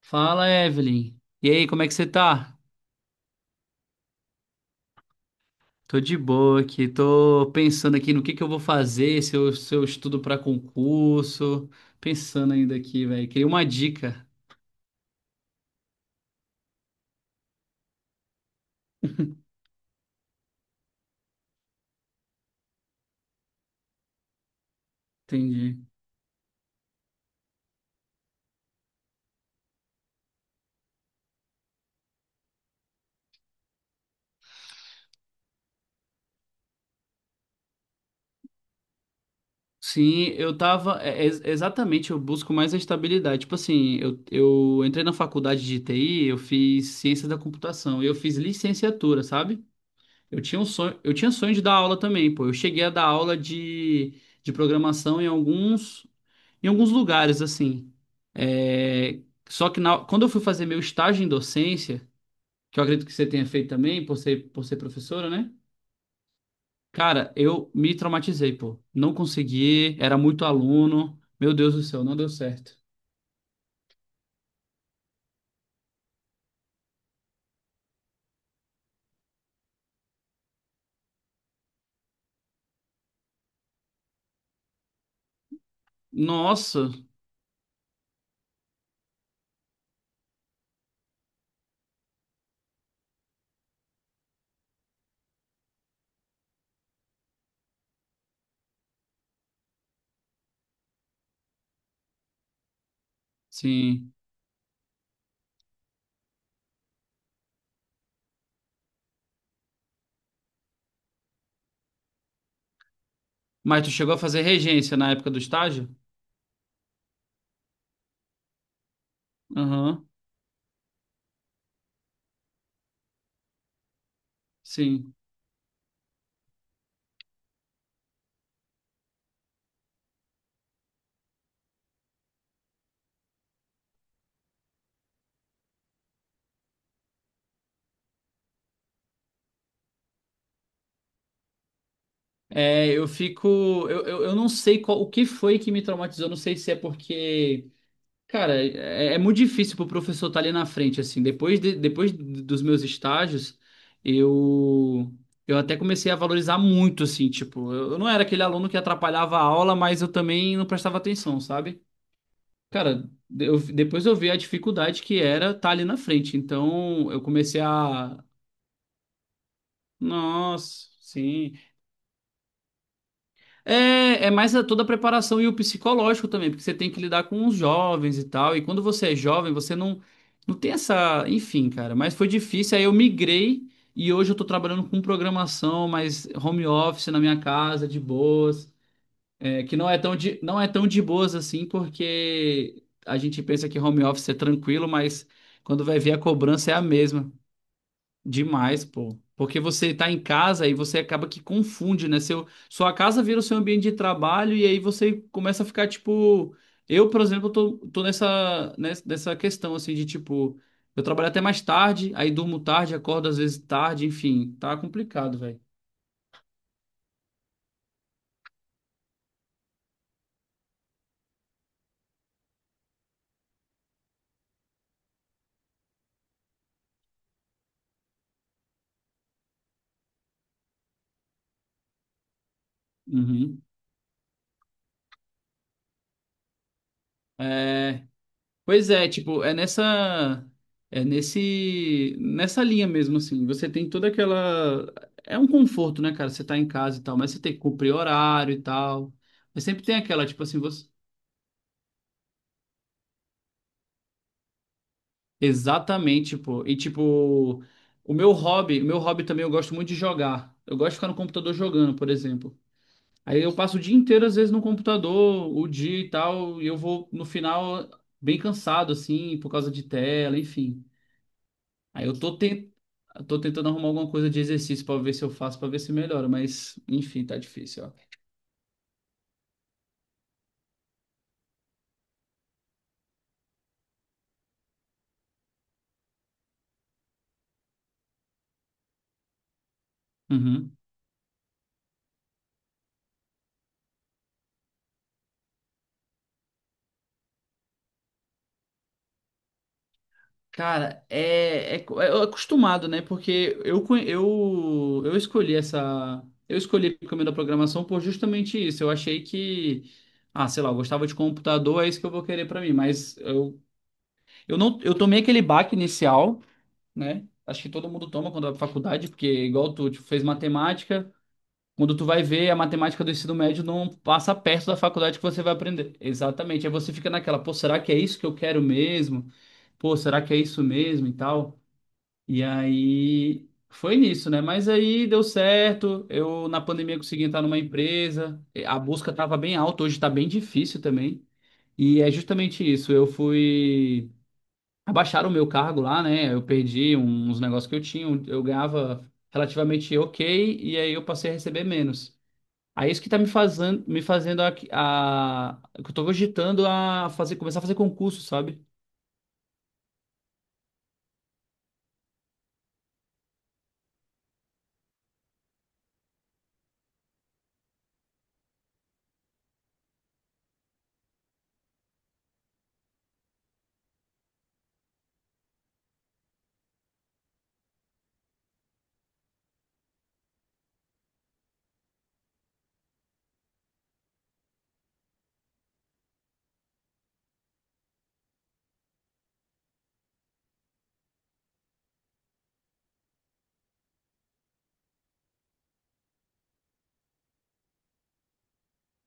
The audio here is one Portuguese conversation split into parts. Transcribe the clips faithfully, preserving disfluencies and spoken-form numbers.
Fala, Evelyn. E aí, como é que você tá? Tô de boa aqui, tô pensando aqui no que que eu vou fazer, se eu, se eu estudo pra concurso. Pensando ainda aqui, velho. Queria uma dica. Entendi. Sim, eu tava. É- é exatamente, eu busco mais a estabilidade. Tipo assim, eu, eu entrei na faculdade de T I, eu fiz ciência da computação e eu fiz licenciatura, sabe? Eu tinha um sonho, eu tinha sonho de dar aula também, pô. Eu cheguei a dar aula de, de programação em alguns. Em alguns lugares, assim. É, só que na- quando eu fui fazer meu estágio em docência, que eu acredito que você tenha feito também, por ser, por ser professora, né? Cara, eu me traumatizei, pô. Não consegui, era muito aluno. Meu Deus do céu, não deu certo. Nossa, sim. Mas tu chegou a fazer regência na época do estágio? Aham, sim. É, eu fico. Eu, eu, eu não sei qual, o que foi que me traumatizou. Não sei se é porque cara, é, é muito difícil pro professor estar ali na frente, assim. Depois, de- depois dos meus estágios, eu, eu até comecei a valorizar muito, assim, tipo, eu, eu não era aquele aluno que atrapalhava a aula, mas eu também não prestava atenção, sabe? Cara, de- eu- depois eu vi a dificuldade que era estar ali na frente. Então, eu comecei a. Nossa, sim. É, é mais a- toda a preparação e o psicológico também, porque você tem que lidar com os jovens e tal. E quando você é jovem, você não, não tem essa. Enfim, cara, mas foi difícil. Aí eu migrei e hoje eu tô trabalhando com programação, mas home office na minha casa, de boas. É, que não é tão de, não é tão de boas assim, porque a gente pensa que home office é tranquilo, mas quando vai ver a cobrança é a mesma. Demais, pô. Porque você tá em casa e você acaba que confunde, né? Seu, sua casa vira o seu ambiente de trabalho e aí você começa a ficar tipo. Eu, por exemplo, tô, tô nessa, nessa, nessa questão assim de tipo. Eu trabalho até mais tarde, aí durmo tarde, acordo às vezes tarde, enfim, tá complicado, velho. Uhum. Pois é, tipo, é nessa é nesse nessa linha mesmo assim. Você tem toda aquela é um conforto, né, cara? Você tá em casa e tal, mas você tem que cumprir horário e tal. Mas sempre tem aquela, tipo assim, você exatamente, tipo, e tipo, o meu hobby, o meu hobby também eu gosto muito de jogar. Eu gosto de ficar no computador jogando, por exemplo. Aí eu passo o dia inteiro às vezes no computador, o dia e tal, e eu vou no final bem cansado assim, por causa de tela, enfim. Aí eu tô, ten- eu tô tentando arrumar alguma coisa de exercício pra ver se eu faço, pra ver se melhora, mas enfim, tá difícil, ó. Uhum. Cara, é, é, co- é acostumado, né? Porque eu, conhe- eu, eu escolhi essa. Eu escolhi o caminho da programação por justamente isso. Eu achei que. Ah, sei lá, eu gostava de computador, é isso que eu vou querer pra mim. Mas eu, eu não, eu tomei aquele baque inicial, né? Acho que todo mundo toma quando vai pra faculdade, porque igual tu, tipo, fez matemática. Quando tu vai ver, a matemática do ensino médio não passa perto da faculdade que você vai aprender. Exatamente. Aí você fica naquela, pô, será que é isso que eu quero mesmo? Pô, será que é isso mesmo e tal? E aí foi nisso, né? Mas aí deu certo. Eu na pandemia consegui entrar numa empresa. A busca tava bem alta, hoje está bem difícil também. E é justamente isso. Eu fui abaixar o meu cargo lá, né? Eu perdi uns negócios que eu tinha, eu ganhava relativamente ok, e aí eu passei a receber menos. Aí é isso que tá me fazendo, me fazendo a, a- que eu tô cogitando a fazer, começar a fazer concurso, sabe?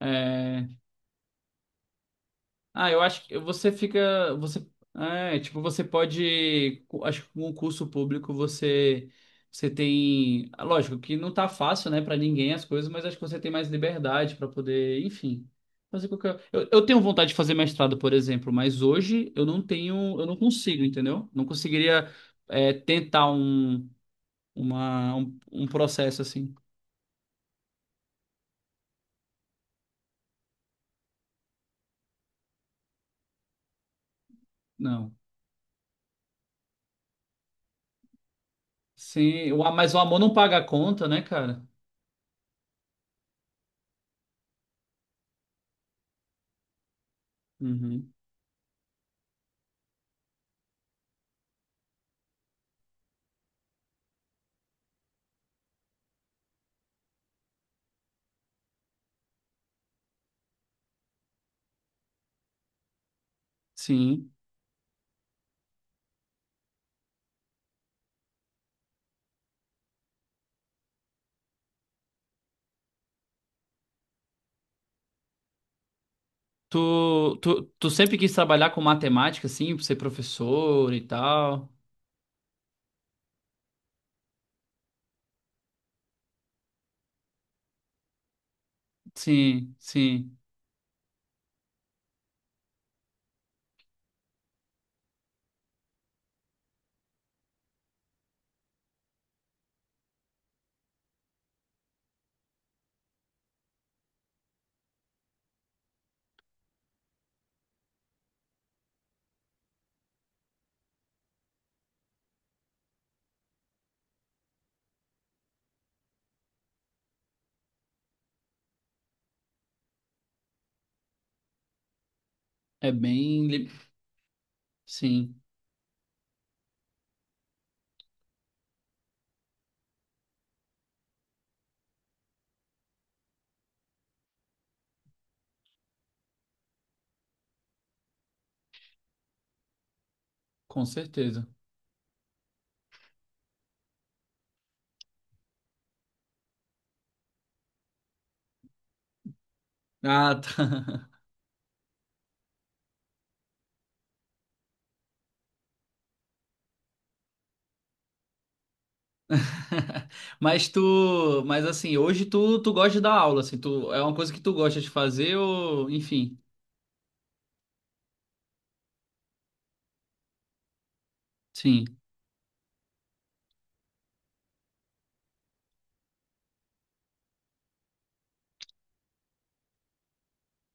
É, ah, eu acho que você fica, você, é, tipo, você pode, acho que com o curso público você, você tem, lógico que não tá fácil, né, para ninguém as coisas, mas acho que você tem mais liberdade para poder, enfim, fazer qualquer. Eu, eu tenho vontade de fazer mestrado, por exemplo, mas hoje eu não tenho, eu não consigo, entendeu? Não conseguiria, é, tentar um uma, um, um processo assim. Não. Sim, o, a- mas o amor não paga a conta, né, cara? Uhum. Sim. Tu, tu, tu sempre quis trabalhar com matemática, assim, pra ser professor e tal. Sim, sim. É bem. li- sim, com certeza. Ah, tá. Mas tu. Mas assim, hoje tu, tu gosta de dar aula, assim, tu, é uma coisa que tu gosta de fazer ou. Enfim. Sim,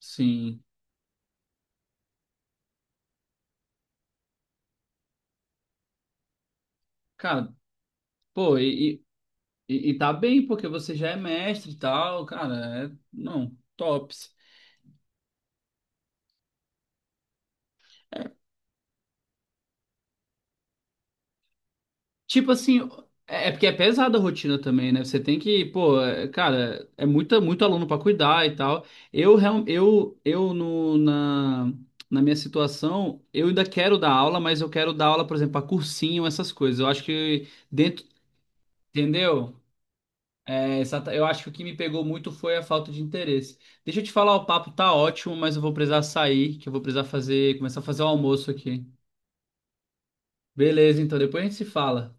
sim. Cara, pô, e, E, e tá bem, porque você já é mestre e tal, cara. É, não, tops. Tipo assim, é, é porque é pesada a rotina também, né? Você tem que, pô, é, cara, é muita, muito aluno pra cuidar e tal. Eu, real- eu, eu no, na, na minha situação, eu ainda quero dar aula, mas eu quero dar aula, por exemplo, pra cursinho, essas coisas. Eu acho que dentro, entendeu? É, exata- eu acho que o que me pegou muito foi a falta de interesse. Deixa eu te falar, o papo tá ótimo, mas eu vou precisar sair, que eu vou precisar fazer, começar a fazer o almoço aqui. Beleza, então depois a gente se fala.